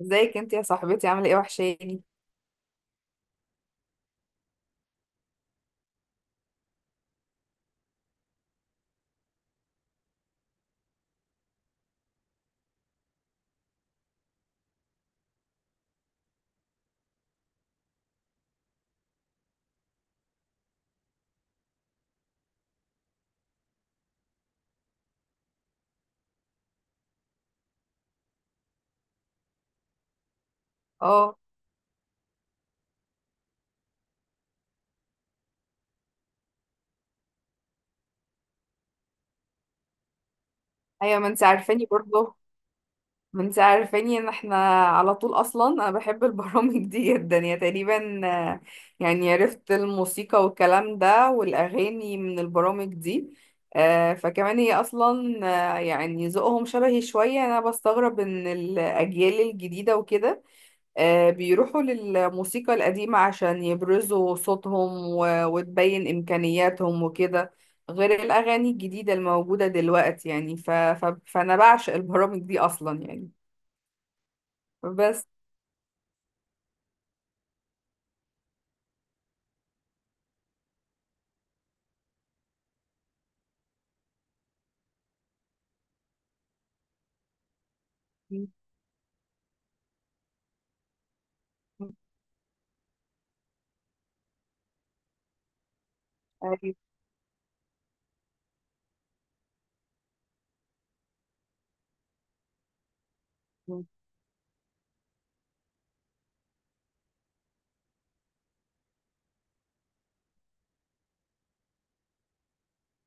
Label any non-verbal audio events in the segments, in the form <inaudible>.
ازيك انت يا صاحبتي عامله ايه؟ وحشاني. اه، ايوه، ما انت عارفاني ان احنا على طول. اصلا انا بحب البرامج <laughs> دي جدا، يا تقريبا، يعني عرفت الموسيقى والكلام ده والاغاني من البرامج دي. فكمان هي اصلا، يعني ذوقهم شبهي شويه. انا بستغرب ان الاجيال الجديده وكده بيروحوا للموسيقى القديمة عشان يبرزوا صوتهم وتبين إمكانياتهم وكده، غير الأغاني الجديدة الموجودة دلوقتي. يعني ف... ف... فأنا بعشق البرامج دي أصلا يعني. بس. <laughs> أيوة.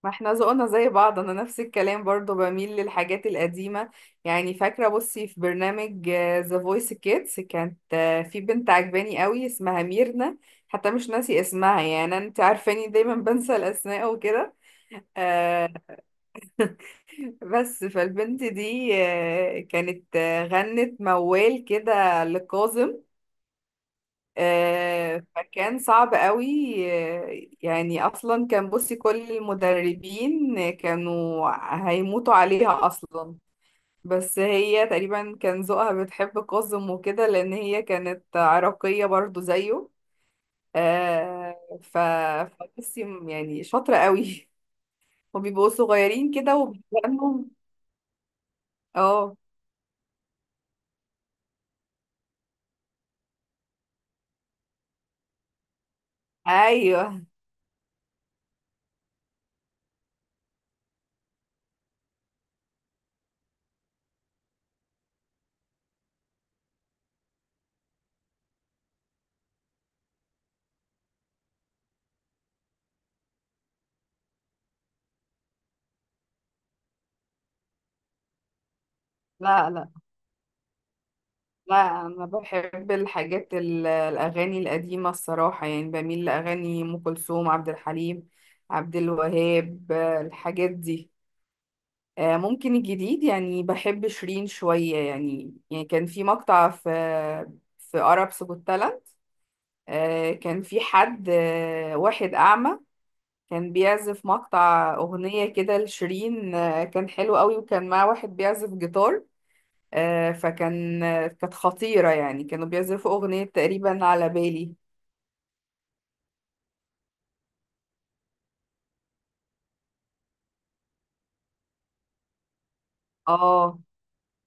ما احنا ذوقنا زي بعض، أنا نفس الكلام برضو بميل للحاجات القديمة. يعني فاكرة بصي، في برنامج ذا فويس كيدز كانت، في بنت عجباني قوي اسمها ميرنا، حتى مش ناسي اسمها. يعني أنت عارفاني دايما بنسى الأسماء وكده. آه. بس فالبنت دي كانت غنت موال كده لكاظم. آه، فكان صعب قوي. آه، يعني اصلا كان، بصي، كل المدربين كانوا هيموتوا عليها اصلا. بس هي تقريبا كان ذوقها بتحب كاظم وكده، لان هي كانت عراقية برضو زيه. آه، ف فبصي، يعني شاطرة قوي. <laughs> وبيبقوا صغيرين كده وبيغنوا. اه، ايوه. لا لا، لا انا بحب الاغاني القديمه الصراحه. يعني بميل لاغاني ام كلثوم، عبد الحليم، عبد الوهاب، الحاجات دي. ممكن الجديد، يعني بحب شيرين شويه. يعني كان في مقطع في عرب سكوت تالنت، كان في حد، واحد اعمى كان بيعزف مقطع اغنيه كده لشيرين. كان حلو قوي، وكان معاه واحد بيعزف جيتار. فكان، كانت خطيرة. يعني كانوا بيزفوا أغنية تقريبا على بالي. اه.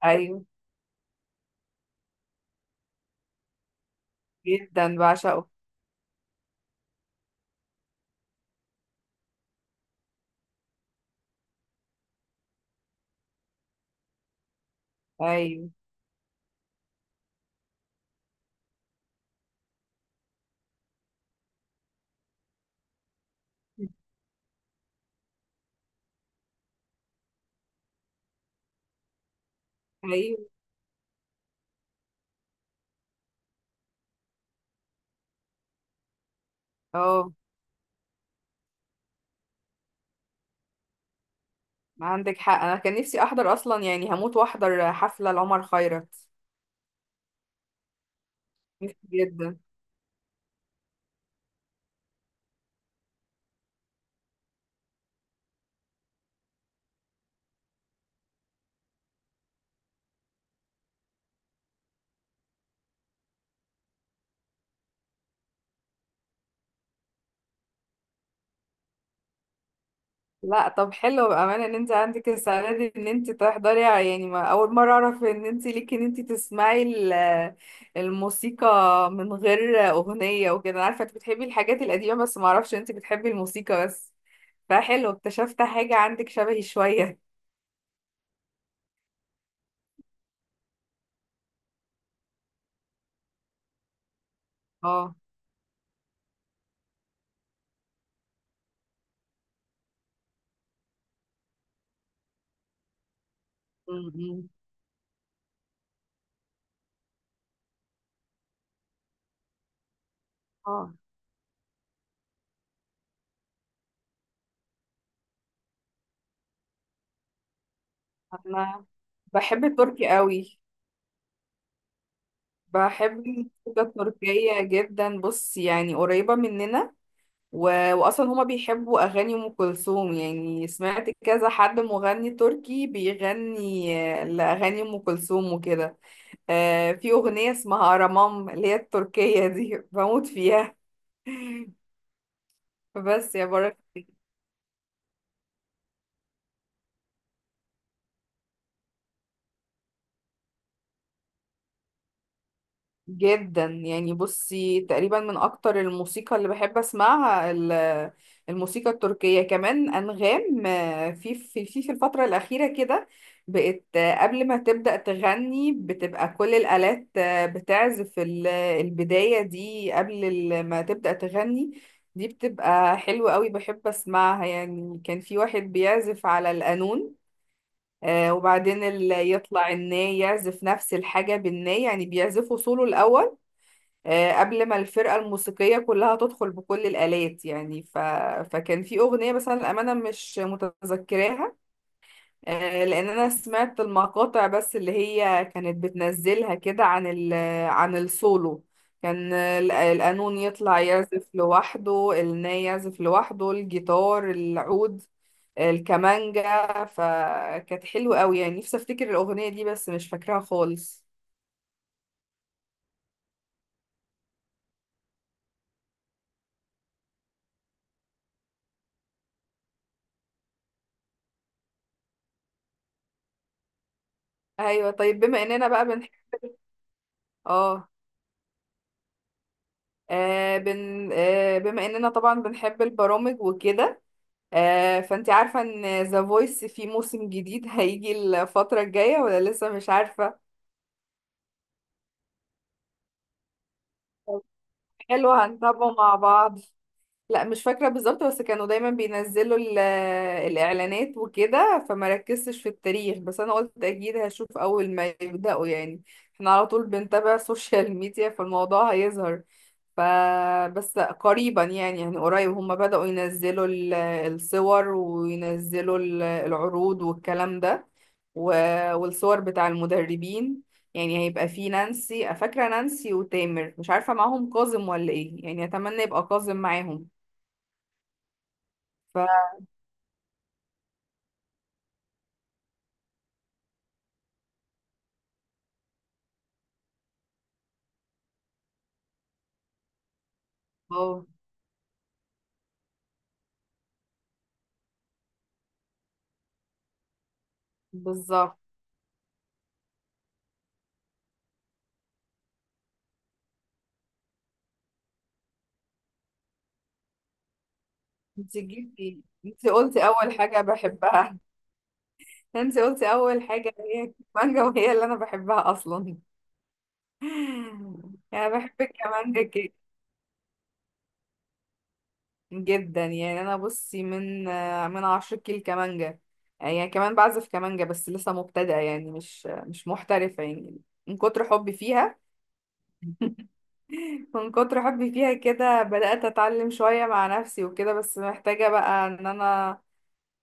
ايوه، جدا بعشقه. ايوه، ايوه. اه، عندك حق. انا كان نفسي احضر اصلا، يعني هموت واحضر حفلة لعمر خيرت، نفسي جدا. لا، طب حلو بأمانة ان انت عندك السعادة دي، ان انت تحضري. يعني ما اول مرة اعرف ان انت ليكي، ان انت تسمعي الموسيقى من غير اغنية وكده. انا عارفة انت بتحبي الحاجات القديمة، بس ما اعرفش انت بتحبي الموسيقى بس. فحلو، اكتشفت حاجة عندك شبهي شوية. اه. م- م. اه، انا بحب التركي قوي، بحب الموسيقى التركية جدا. بص يعني قريبة مننا، و... واصلا هما بيحبوا اغاني ام كلثوم. يعني سمعت كذا حد مغني تركي بيغني لاغاني ام كلثوم وكده. في اغنية اسمها ارامام، اللي هي التركية دي، <laughs> بموت فيها. <laughs> بس يا بركة، جدا يعني. بصي، تقريبا من اكتر الموسيقى اللي بحب اسمعها الموسيقى التركية. كمان انغام، في الفترة الأخيرة كده بقت، قبل ما تبدأ تغني بتبقى كل الآلات بتعزف البداية دي قبل ما تبدأ تغني. دي بتبقى حلوة قوي، بحب اسمعها. يعني كان في واحد بيعزف على القانون، وبعدين اللي يطلع الناي يعزف نفس الحاجة بالناي. يعني بيعزفوا سولو الأول، قبل ما الفرقة الموسيقية كلها تدخل بكل الآلات. يعني فكان في أغنية بس أنا الأمانة مش متذكراها، لأن أنا سمعت المقاطع بس اللي هي كانت بتنزلها كده عن السولو. كان القانون يطلع يعزف لوحده، الناي يعزف لوحده، الجيتار، العود، الكمانجا، فكانت حلوة قوي. يعني نفسي افتكر الأغنية دي بس مش فاكراها خالص. ايوه، طيب. بما اننا بقى بنح... اه آه بن آه بما اننا طبعا بنحب البرامج وكده، فانت عارفة ان ذا فويس في موسم جديد هيجي الفترة الجاية ولا لسه مش عارفة؟ طب حلو، هنتابعه مع بعض. لا مش فاكرة بالظبط، بس كانوا دايما بينزلوا الإعلانات وكده، فما ركزتش في التاريخ. بس أنا قلت أكيد هشوف أول ما يبدأوا. يعني احنا على طول بنتابع <laughs> السوشيال ميديا، فالموضوع هيظهر. ف بس قريبا يعني، قريب هم بدأوا ينزلوا الصور وينزلوا العروض والكلام ده، والصور بتاع المدربين. يعني هيبقى في نانسي، فاكرة نانسي وتامر، مش عارفة معاهم كاظم ولا ايه. يعني اتمنى يبقى كاظم معاهم. ف اه، بالظبط. انت جبتي، انت قلتي اول حاجة بحبها. انت قلتي اول حاجة هي المانجا، وهي اللي انا بحبها اصلا. <laughs> انا بحب الكمانجا جدا، يعني. انا بصي، من من 10 كيل كمانجا. يعني كمان بعزف كمانجا، بس لسه مبتدئة، يعني مش محترفة يعني، من كتر حبي فيها. <laughs> من كتر حبي فيها كده بدأت أتعلم شوية مع نفسي وكده. بس محتاجة بقى إن أنا،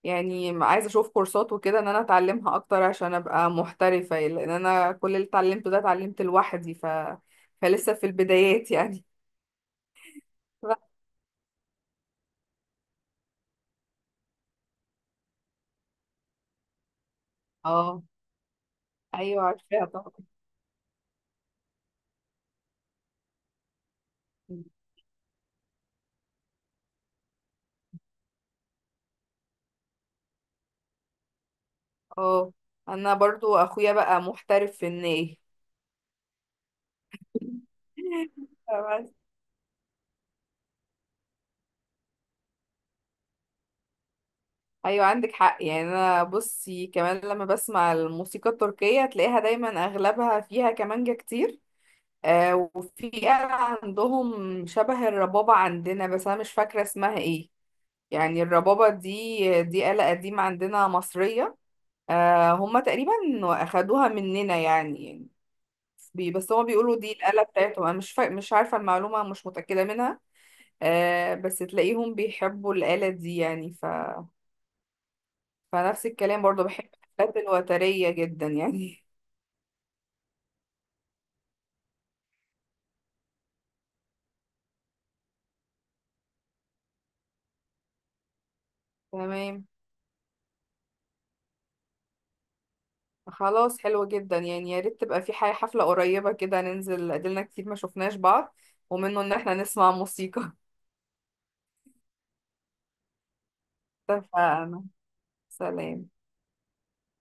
يعني عايزة أشوف كورسات وكده إن أنا أتعلمها أكتر عشان أبقى محترفة يعني، لأن أنا كل اللي اتعلمته ده اتعلمت لوحدي، فلسه في البدايات يعني. <laughs> اه، ايوه عارفاها طبعا. اه، انا برضو اخويا بقى محترف في الناي. <laughs> ايوه، عندك حق. يعني انا بصي، كمان لما بسمع الموسيقى التركية تلاقيها دايما اغلبها فيها كمانجة كتير. آه، وفي آلة عندهم شبه الربابة عندنا، بس انا مش فاكرة اسمها ايه. يعني الربابة دي، دي آلة قديمة عندنا مصرية. آه، هما تقريبا اخدوها مننا يعني. يعني بس هما بيقولوا دي الآلة بتاعتهم. انا مش عارفة، المعلومة مش متأكدة منها. آه، بس تلاقيهم بيحبوا الآلة دي. يعني فنفس الكلام برضو، بحب الآلات الوترية جدا يعني. <laughs> تمام، خلاص. حلو جدا يعني، يا ريت تبقى في حاجة حفلة قريبة كده ننزل، قدلنا كتير ما شفناش بعض ومنه إن احنا نسمع موسيقى. <laughs> اتفقنا. سلام.